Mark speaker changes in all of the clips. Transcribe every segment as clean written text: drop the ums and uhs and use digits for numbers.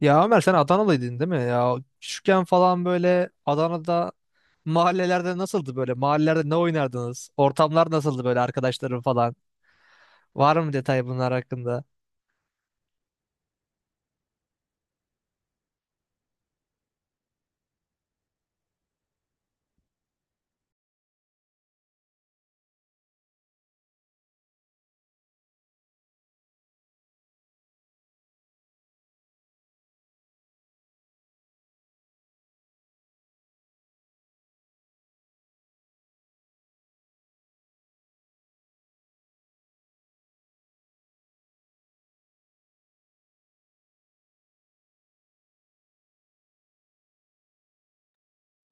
Speaker 1: Ya Ömer, sen Adanalıydın değil mi? Ya küçükken falan böyle Adana'da mahallelerde nasıldı böyle? Mahallelerde ne oynardınız? Ortamlar nasıldı böyle, arkadaşların falan? Var mı detay bunlar hakkında?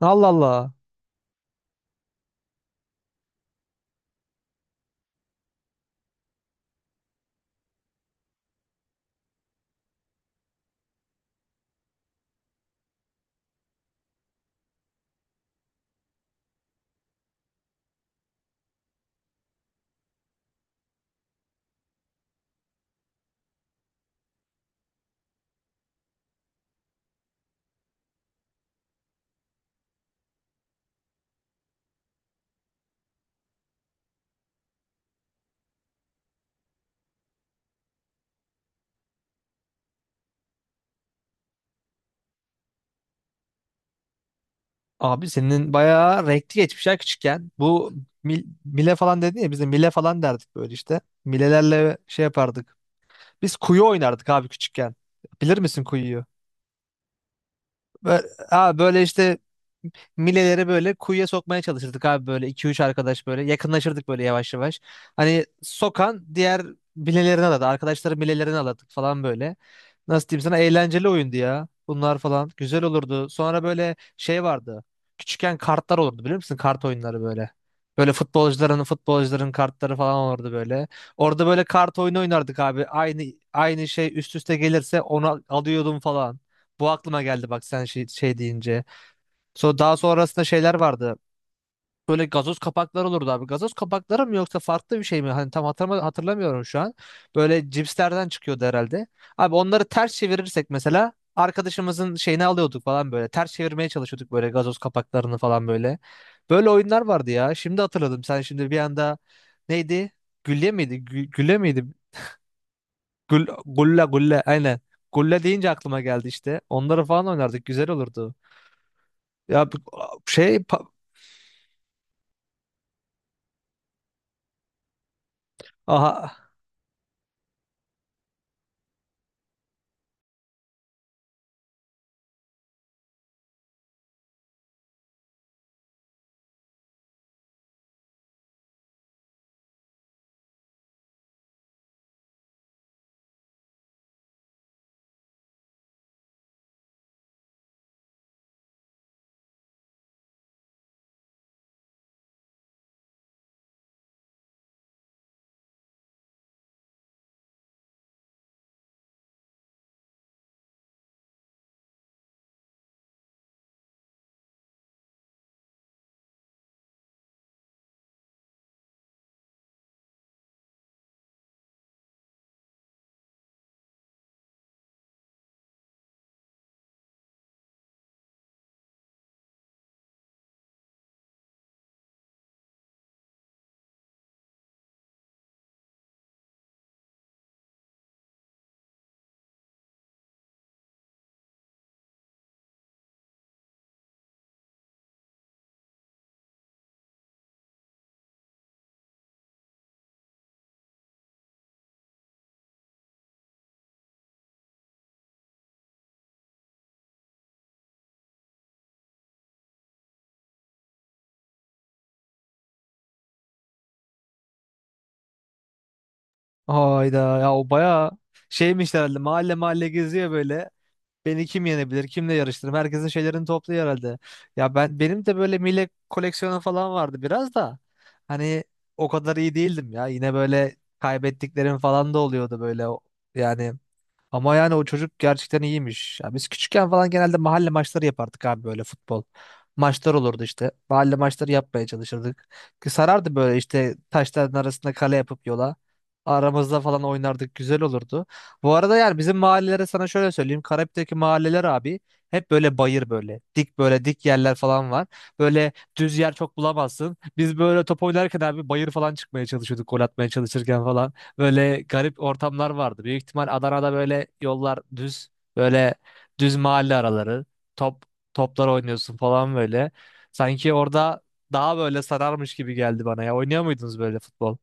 Speaker 1: Allah Allah. Abi senin bayağı renkli geçmiş ya küçükken. Bu mile falan dedin ya, biz de mile falan derdik böyle işte. Milelerle şey yapardık. Biz kuyu oynardık abi küçükken. Bilir misin kuyuyu? Böyle, ha, böyle işte mileleri böyle kuyuya sokmaya çalışırdık abi, böyle iki üç arkadaş böyle yakınlaşırdık böyle yavaş yavaş. Hani sokan diğer bilelerini aladı. Arkadaşların bilelerini aladık falan böyle. Nasıl diyeyim sana, eğlenceli oyundu ya. Bunlar falan güzel olurdu. Sonra böyle şey vardı. Küçükken kartlar olurdu biliyor musun? Kart oyunları böyle. Böyle futbolcuların kartları falan olurdu böyle. Orada böyle kart oyunu oynardık abi. Aynı şey üst üste gelirse onu alıyordum falan. Bu aklıma geldi bak, sen şey deyince. Daha sonrasında şeyler vardı. Böyle gazoz kapakları olurdu abi. Gazoz kapakları mı yoksa farklı bir şey mi? Hani tam hatırlamıyorum şu an. Böyle cipslerden çıkıyordu herhalde. Abi onları ters çevirirsek mesela arkadaşımızın şeyini alıyorduk falan böyle. Ters çevirmeye çalışıyorduk böyle gazoz kapaklarını falan böyle. Böyle oyunlar vardı ya. Şimdi hatırladım. Sen şimdi bir anda neydi? Gülle miydi? Gülle miydi? Gulla, gulla, aynen. Gulla deyince aklıma geldi işte. Onları falan oynardık. Güzel olurdu. Ya bu- şey pa- aha. Hayda ya, o bayağı şeymiş herhalde, mahalle mahalle geziyor böyle. Beni kim yenebilir, kimle yarıştırırım? Herkesin şeylerini topluyor herhalde. Ya ben, benim de böyle millet koleksiyonu falan vardı biraz da. Hani o kadar iyi değildim ya. Yine böyle kaybettiklerim falan da oluyordu böyle. Yani, ama yani o çocuk gerçekten iyiymiş. Ya biz küçükken falan genelde mahalle maçları yapardık abi, böyle futbol. Maçlar olurdu işte. Mahalle maçları yapmaya çalışırdık. Ki sarardı böyle işte taşların arasında kale yapıp yola. Aramızda falan oynardık. Güzel olurdu. Bu arada yani bizim mahallelere sana şöyle söyleyeyim. Karabük'teki mahalleler abi hep böyle bayır böyle. Dik, böyle dik yerler falan var. Böyle düz yer çok bulamazsın. Biz böyle top oynarken abi bayır falan çıkmaya çalışıyorduk, gol atmaya çalışırken falan. Böyle garip ortamlar vardı. Büyük ihtimal Adana'da böyle yollar düz, böyle düz mahalle araları, top toplar oynuyorsun falan böyle. Sanki orada daha böyle sararmış gibi geldi bana ya. Oynuyor muydunuz böyle futbol?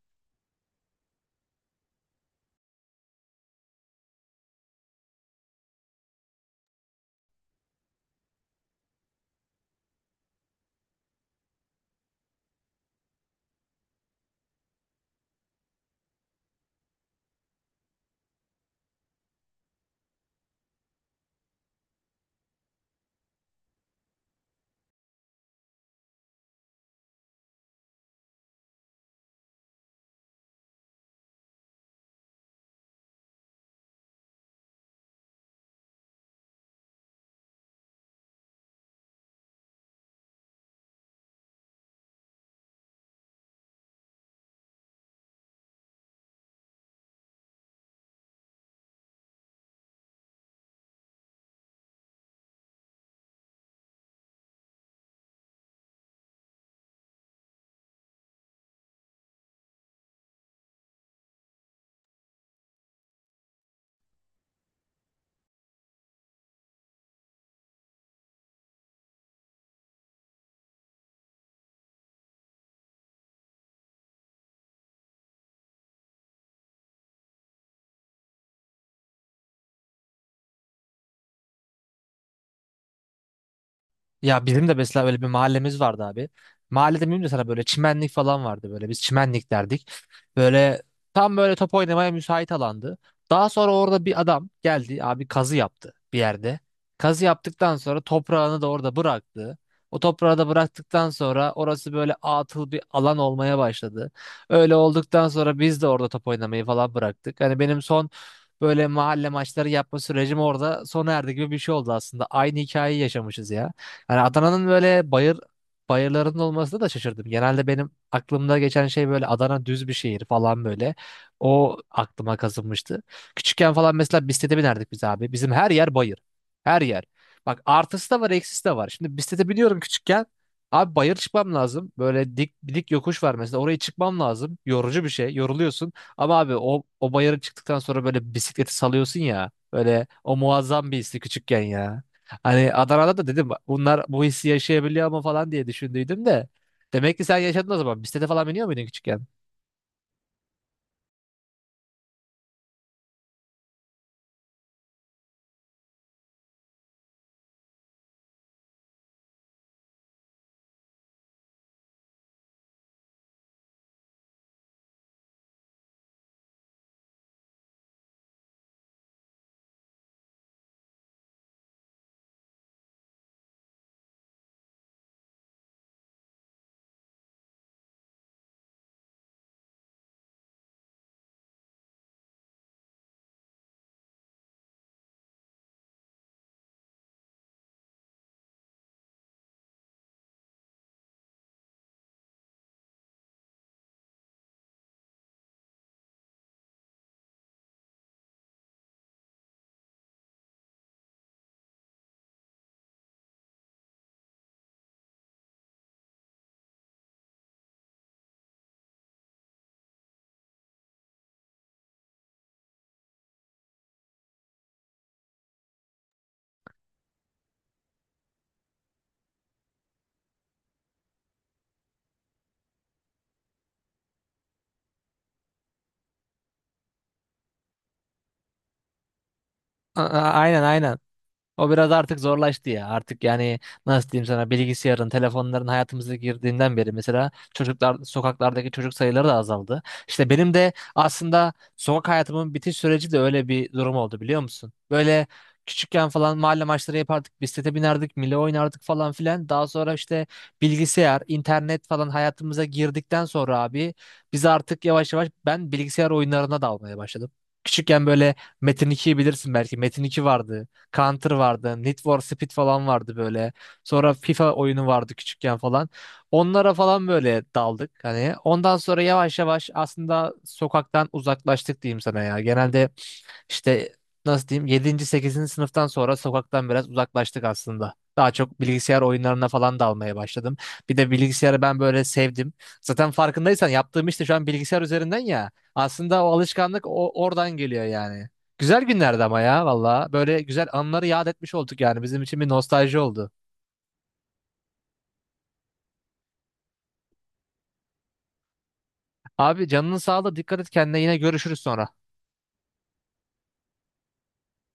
Speaker 1: Ya bizim de mesela öyle bir mahallemiz vardı abi. Mahallede miyim de sana böyle çimenlik falan vardı böyle. Biz çimenlik derdik. Böyle tam böyle top oynamaya müsait alandı. Daha sonra orada bir adam geldi abi, kazı yaptı bir yerde. Kazı yaptıktan sonra toprağını da orada bıraktı. O toprağı da bıraktıktan sonra orası böyle atıl bir alan olmaya başladı. Öyle olduktan sonra biz de orada top oynamayı falan bıraktık. Hani benim son böyle mahalle maçları yapma sürecim orada sona erdi gibi bir şey oldu aslında. Aynı hikayeyi yaşamışız ya. Yani Adana'nın böyle bayır bayırlarının olmasına da şaşırdım. Genelde benim aklımda geçen şey böyle Adana düz bir şehir falan böyle. O aklıma kazınmıştı. Küçükken falan mesela bisiklete binerdik biz abi. Bizim her yer bayır. Her yer. Bak artısı da var, eksisi de var. Şimdi bisiklete biniyorum küçükken. Abi bayır çıkmam lazım. Böyle dik dik yokuş var mesela. Oraya çıkmam lazım. Yorucu bir şey. Yoruluyorsun. Ama abi o bayıra çıktıktan sonra böyle bisikleti salıyorsun ya. Böyle o muazzam bir histi küçükken ya. Hani Adana'da da dedim bunlar bu hissi yaşayabiliyor mu falan diye düşündüydüm de. Demek ki sen yaşadın o zaman. Bisiklete falan biniyor muydun küçükken? Aynen, aynen. O biraz artık zorlaştı ya. Artık yani nasıl diyeyim sana, bilgisayarın, telefonların hayatımıza girdiğinden beri mesela çocuklar, sokaklardaki çocuk sayıları da azaldı. İşte benim de aslında sokak hayatımın bitiş süreci de öyle bir durum oldu biliyor musun? Böyle küçükken falan mahalle maçları yapardık, bisiklete binerdik, mille oynardık falan filan. Daha sonra işte bilgisayar, internet falan hayatımıza girdikten sonra abi biz artık yavaş yavaş, ben bilgisayar oyunlarına dalmaya başladım. Küçükken böyle Metin 2'yi bilirsin belki. Metin 2 vardı. Counter vardı. Need for Speed falan vardı böyle. Sonra FIFA oyunu vardı küçükken falan. Onlara falan böyle daldık hani. Ondan sonra yavaş yavaş aslında sokaktan uzaklaştık diyeyim sana ya. Genelde işte nasıl diyeyim, yedinci sekizinci sınıftan sonra sokaktan biraz uzaklaştık aslında. Daha çok bilgisayar oyunlarına falan dalmaya başladım. Bir de bilgisayarı ben böyle sevdim. Zaten farkındaysan yaptığım işte şu an bilgisayar üzerinden ya. Aslında o alışkanlık oradan geliyor yani. Güzel günlerdi ama ya valla. Böyle güzel anıları yad etmiş olduk yani. Bizim için bir nostalji oldu. Abi canının sağlığı, dikkat et kendine, yine görüşürüz sonra.